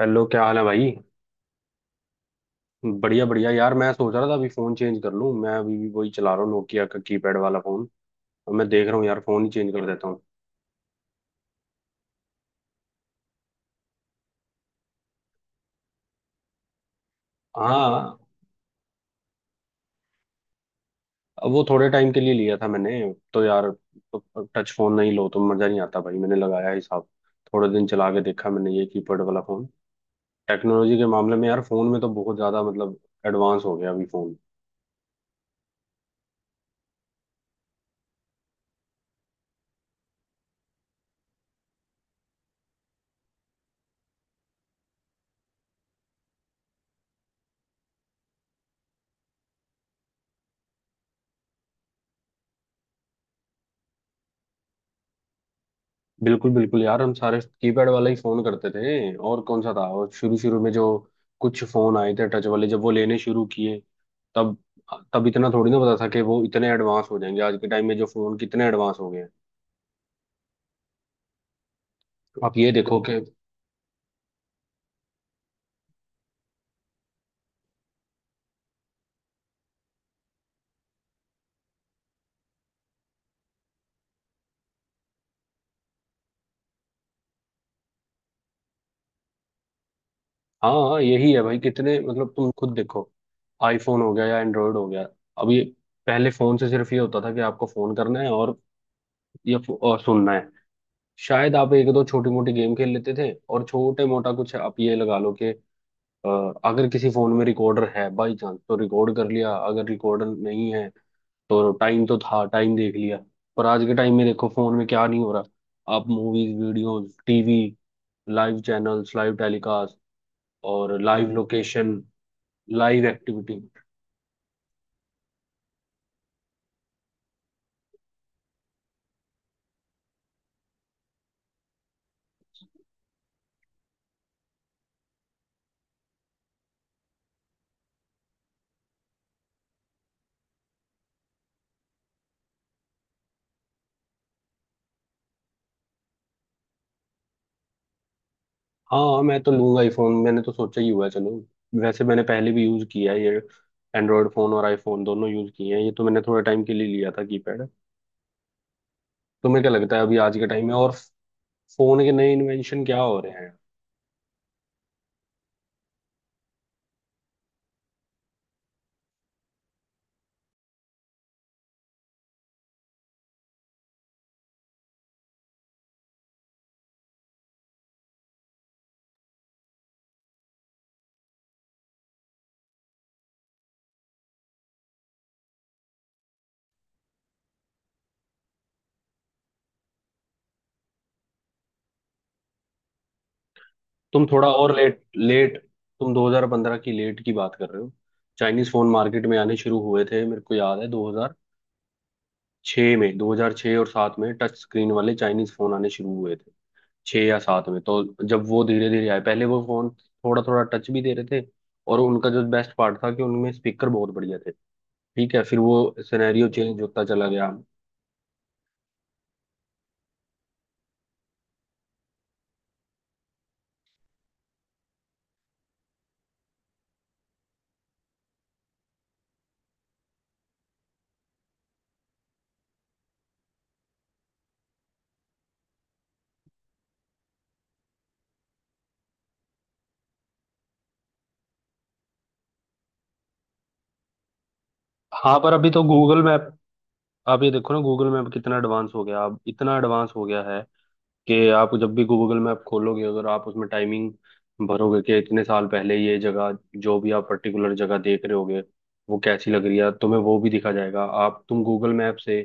Hello, क्या हाल है भाई। बढ़िया बढ़िया यार, मैं सोच रहा था अभी फोन चेंज कर लूं। मैं अभी भी वही चला रहा हूँ, नोकिया का कीपैड वाला फोन। अब मैं देख रहा हूँ यार, फोन ही चेंज कर देता हूँ। हाँ। अब वो थोड़े टाइम के लिए लिया था मैंने। तो यार, तो टच फोन नहीं लो तो मजा नहीं आता भाई, मैंने लगाया ही साहब। थोड़े दिन चला के देखा मैंने ये कीपैड वाला फोन। टेक्नोलॉजी के मामले में यार फोन में तो बहुत ज्यादा मतलब एडवांस हो गया अभी फोन। बिल्कुल बिल्कुल यार, हम सारे कीपैड वाला ही फोन करते थे और कौन सा था, और शुरू शुरू में जो कुछ फोन आए थे टच वाले, जब वो लेने शुरू किए। तब तब इतना थोड़ी ना पता था कि वो इतने एडवांस हो जाएंगे आज के टाइम में, जो फोन कितने एडवांस हो गए हैं। आप ये देखो कि हाँ हाँ, यही है भाई, कितने मतलब तुम खुद देखो। आईफोन हो गया या एंड्रॉयड हो गया। अब ये, पहले फोन से सिर्फ ये होता था कि आपको फोन करना है और और सुनना है। शायद आप एक दो छोटी मोटी गेम खेल लेते थे, और छोटे मोटा कुछ आप ये लगा लो। अ, अगर किसी फोन में रिकॉर्डर है बाई चांस तो रिकॉर्ड कर लिया। अगर रिकॉर्डर नहीं है तो टाइम तो था, टाइम देख लिया। पर आज के टाइम में देखो फोन में क्या नहीं हो रहा। आप movies, videos, TV, live channels, live telecast और लाइव लोकेशन, लाइव एक्टिविटी। हाँ, मैं तो लूंगा आईफोन, मैंने तो सोचा ही हुआ है। चलो, वैसे मैंने पहले भी यूज किया है, ये एंड्रॉयड फोन और आईफोन दोनों यूज किए हैं। ये तो मैंने थोड़े टाइम के लिए लिया था, कीपैड। तुम्हें क्या लगता है अभी आज के टाइम में, और फोन के नए इन्वेंशन क्या हो रहे हैं। तुम थोड़ा और लेट लेट। तुम 2015 की लेट की बात कर रहे हो। चाइनीज फोन मार्केट में आने शुरू हुए थे मेरे को याद है 2006 में। 2006 और 7 में टच स्क्रीन वाले चाइनीज फोन आने शुरू हुए थे। 6 या 7 में तो, जब वो धीरे धीरे आए, पहले वो फोन थोड़ा थोड़ा टच भी दे रहे थे। और उनका जो बेस्ट पार्ट था कि उनमें स्पीकर बहुत बढ़िया थे। ठीक है, फिर वो सिनेरियो चेंज होता चला गया। हाँ, पर अभी तो गूगल मैप, आप ये देखो ना, गूगल मैप कितना एडवांस हो गया। अब इतना एडवांस हो गया है कि आप जब भी गूगल मैप खोलोगे, अगर आप उसमें टाइमिंग भरोगे कि इतने साल पहले ये जगह, जो भी आप पर्टिकुलर जगह देख रहे होगे, वो कैसी लग रही है तुम्हें, वो भी दिखा जाएगा। आप तुम गूगल मैप से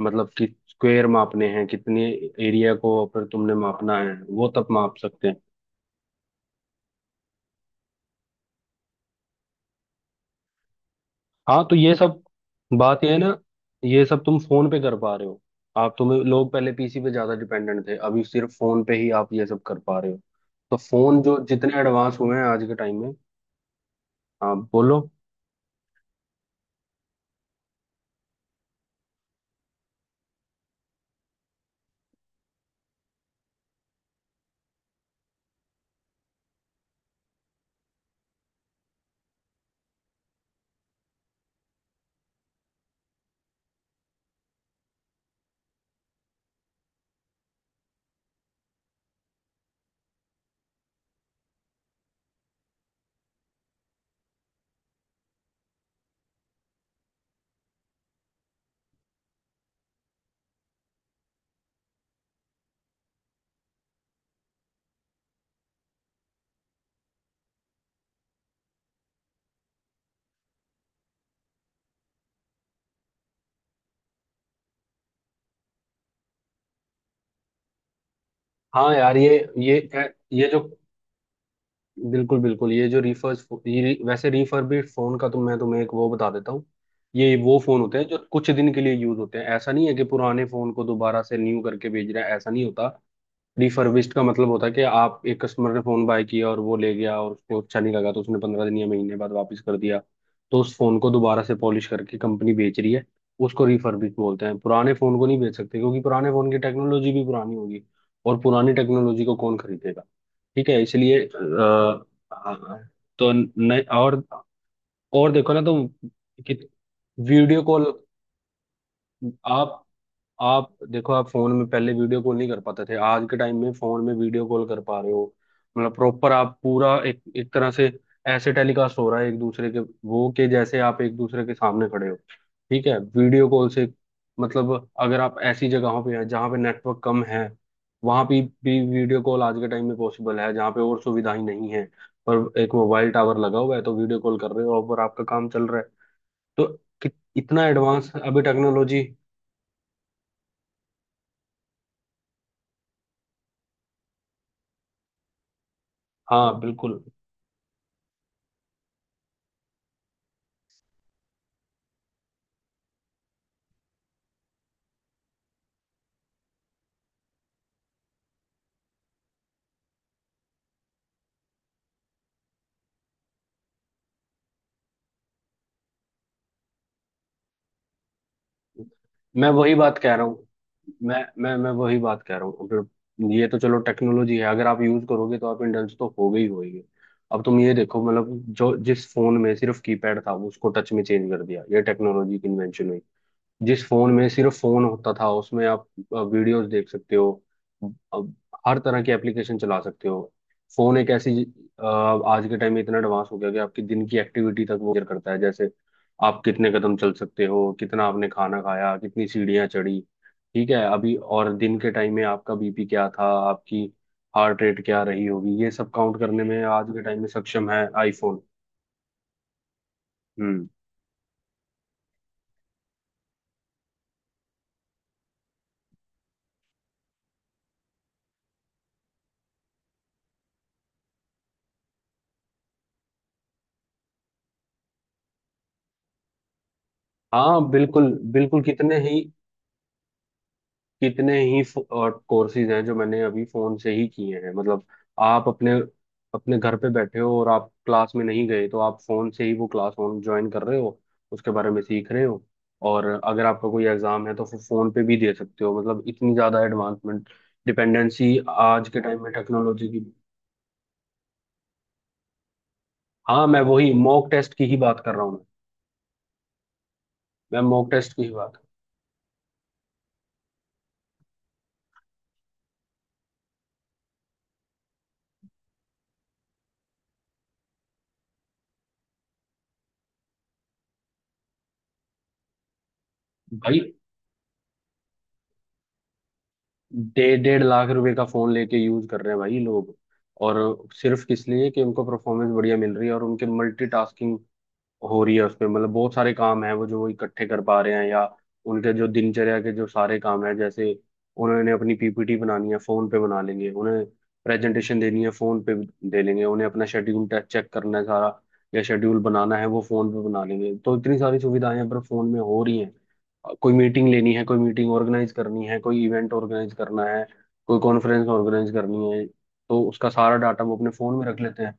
मतलब कि स्क्वायर मापने हैं कितने एरिया को, पर तुमने मापना है वो तब माप सकते हैं। हाँ, तो ये सब, बात ये है ना, ये सब तुम फोन पे कर पा रहे हो। आप तुम्हें लोग पहले पीसी पे ज्यादा डिपेंडेंट थे, अभी सिर्फ फोन पे ही आप ये सब कर पा रहे हो। तो फोन जो जितने एडवांस हुए हैं आज के टाइम में। आप बोलो। हाँ यार, ये जो, बिल्कुल बिल्कुल, ये जो रिफर्स ये वैसे रिफर्बिश्ड फोन का तो मैं तुम्हें एक वो बता देता हूँ। ये वो फोन होते हैं जो कुछ दिन के लिए यूज होते हैं, ऐसा नहीं है कि पुराने फोन को दोबारा से न्यू करके भेज रहे हैं, ऐसा नहीं होता। रिफर्बिश्ड का मतलब होता है कि आप, एक कस्टमर ने फोन बाय किया और वो ले गया, और उसको अच्छा नहीं लगा तो उसने 15 दिन या महीने बाद वापस कर दिया। तो उस फोन को दोबारा से पॉलिश करके कंपनी बेच रही है, उसको रिफर्बिश बोलते हैं। पुराने फोन को नहीं बेच सकते, क्योंकि पुराने फोन की टेक्नोलॉजी भी पुरानी होगी, और पुरानी टेक्नोलॉजी को कौन खरीदेगा। ठीक है, इसलिए हाँ, तो नए और देखो ना, तो कि वीडियो कॉल। आप आप देखो, आप फोन में पहले वीडियो कॉल नहीं कर पाते थे, आज के टाइम में फोन में वीडियो कॉल कर पा रहे हो। मतलब प्रॉपर आप पूरा एक एक तरह से ऐसे टेलीकास्ट हो रहा है एक दूसरे के, वो के जैसे आप एक दूसरे के सामने खड़े हो। ठीक है, वीडियो कॉल से मतलब अगर आप ऐसी जगहों पे हैं जहाँ पे नेटवर्क कम है, वहां पे भी वीडियो कॉल आज के टाइम में पॉसिबल है। जहाँ पे और सुविधाएं नहीं है पर एक मोबाइल टावर लगा हुआ है, तो वीडियो कॉल कर रहे हो और आपका काम चल रहा है। तो कि- इतना एडवांस अभी टेक्नोलॉजी। हाँ बिल्कुल। मैं वही बात कह रहा हूँ, मैं वही बात कह रहा हूँ, अगर ये, तो चलो टेक्नोलॉजी है, अगर आप यूज करोगे तो आप इंडल्ज तो हो गई होगी। अब तुम ये देखो मतलब, जो जिस फोन में सिर्फ कीपैड था, वो उसको टच में चेंज कर दिया, ये टेक्नोलॉजी की इन्वेंशन हुई। जिस फोन में सिर्फ फोन होता था, उसमें आप वीडियोस देख सकते हो, अब हर तरह की एप्लीकेशन चला सकते हो। फोन एक ऐसी, आज के टाइम में इतना एडवांस हो गया कि आपकी दिन की एक्टिविटी तक वो मेजर करता है। जैसे आप कितने कदम चल सकते हो, कितना आपने खाना खाया, कितनी सीढ़ियाँ चढ़ी। ठीक है, अभी और दिन के टाइम में आपका बीपी क्या था, आपकी हार्ट रेट क्या रही होगी, ये सब काउंट करने में आज के टाइम में सक्षम है आईफोन। हम्म। हाँ बिल्कुल बिल्कुल, कितने ही और कोर्सेज हैं जो मैंने अभी फोन से ही किए हैं। मतलब आप अपने अपने घर पे बैठे हो, और आप क्लास में नहीं गए तो आप फोन से ही वो क्लास ऑन ज्वाइन कर रहे हो, उसके बारे में सीख रहे हो। और अगर आपका कोई एग्जाम है तो फिर फोन पे भी दे सकते हो, मतलब इतनी ज्यादा एडवांसमेंट, डिपेंडेंसी आज के टाइम में टेक्नोलॉजी की। हाँ, मैं वही मॉक टेस्ट की ही बात कर रहा हूँ, मैं मॉक टेस्ट की ही बात। भाई, डेढ़ डेढ़ लाख रुपए का फोन लेके यूज कर रहे हैं भाई लोग, और सिर्फ किस लिए, कि उनको परफॉर्मेंस बढ़िया मिल रही है और उनके मल्टीटास्किंग हो रही है उसमें, मतलब बहुत सारे काम हैं वो, जो वो इकट्ठे कर पा रहे हैं। या उनके जो दिनचर्या के जो सारे काम हैं, जैसे उन्होंने अपनी पीपीटी बनानी है, फोन पे बना लेंगे। उन्हें प्रेजेंटेशन देनी है, फोन पे दे लेंगे। उन्हें अपना शेड्यूल चेक करना है सारा, या शेड्यूल बनाना है, वो फोन पे बना लेंगे। तो इतनी सारी सुविधाएं पर फोन में हो रही हैं। कोई मीटिंग लेनी है, कोई मीटिंग ऑर्गेनाइज करनी है, कोई इवेंट ऑर्गेनाइज करना है, कोई कॉन्फ्रेंस ऑर्गेनाइज करनी है, तो उसका सारा डाटा वो अपने फोन में रख लेते हैं।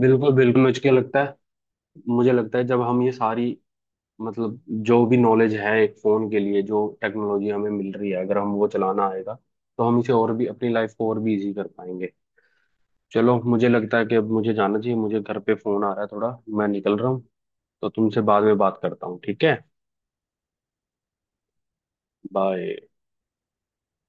बिल्कुल बिल्कुल, मुझे क्या लगता है, मुझे लगता है जब हम ये सारी, मतलब जो भी नॉलेज है एक फोन के लिए, जो टेक्नोलॉजी हमें मिल रही है, अगर हम, वो चलाना आएगा तो हम इसे, और भी अपनी लाइफ को और भी इजी कर पाएंगे। चलो, मुझे लगता है कि अब मुझे जाना चाहिए, मुझे घर पे फोन आ रहा है थोड़ा, मैं निकल रहा हूँ। तो तुमसे बाद में बात करता हूँ, ठीक है। बाय।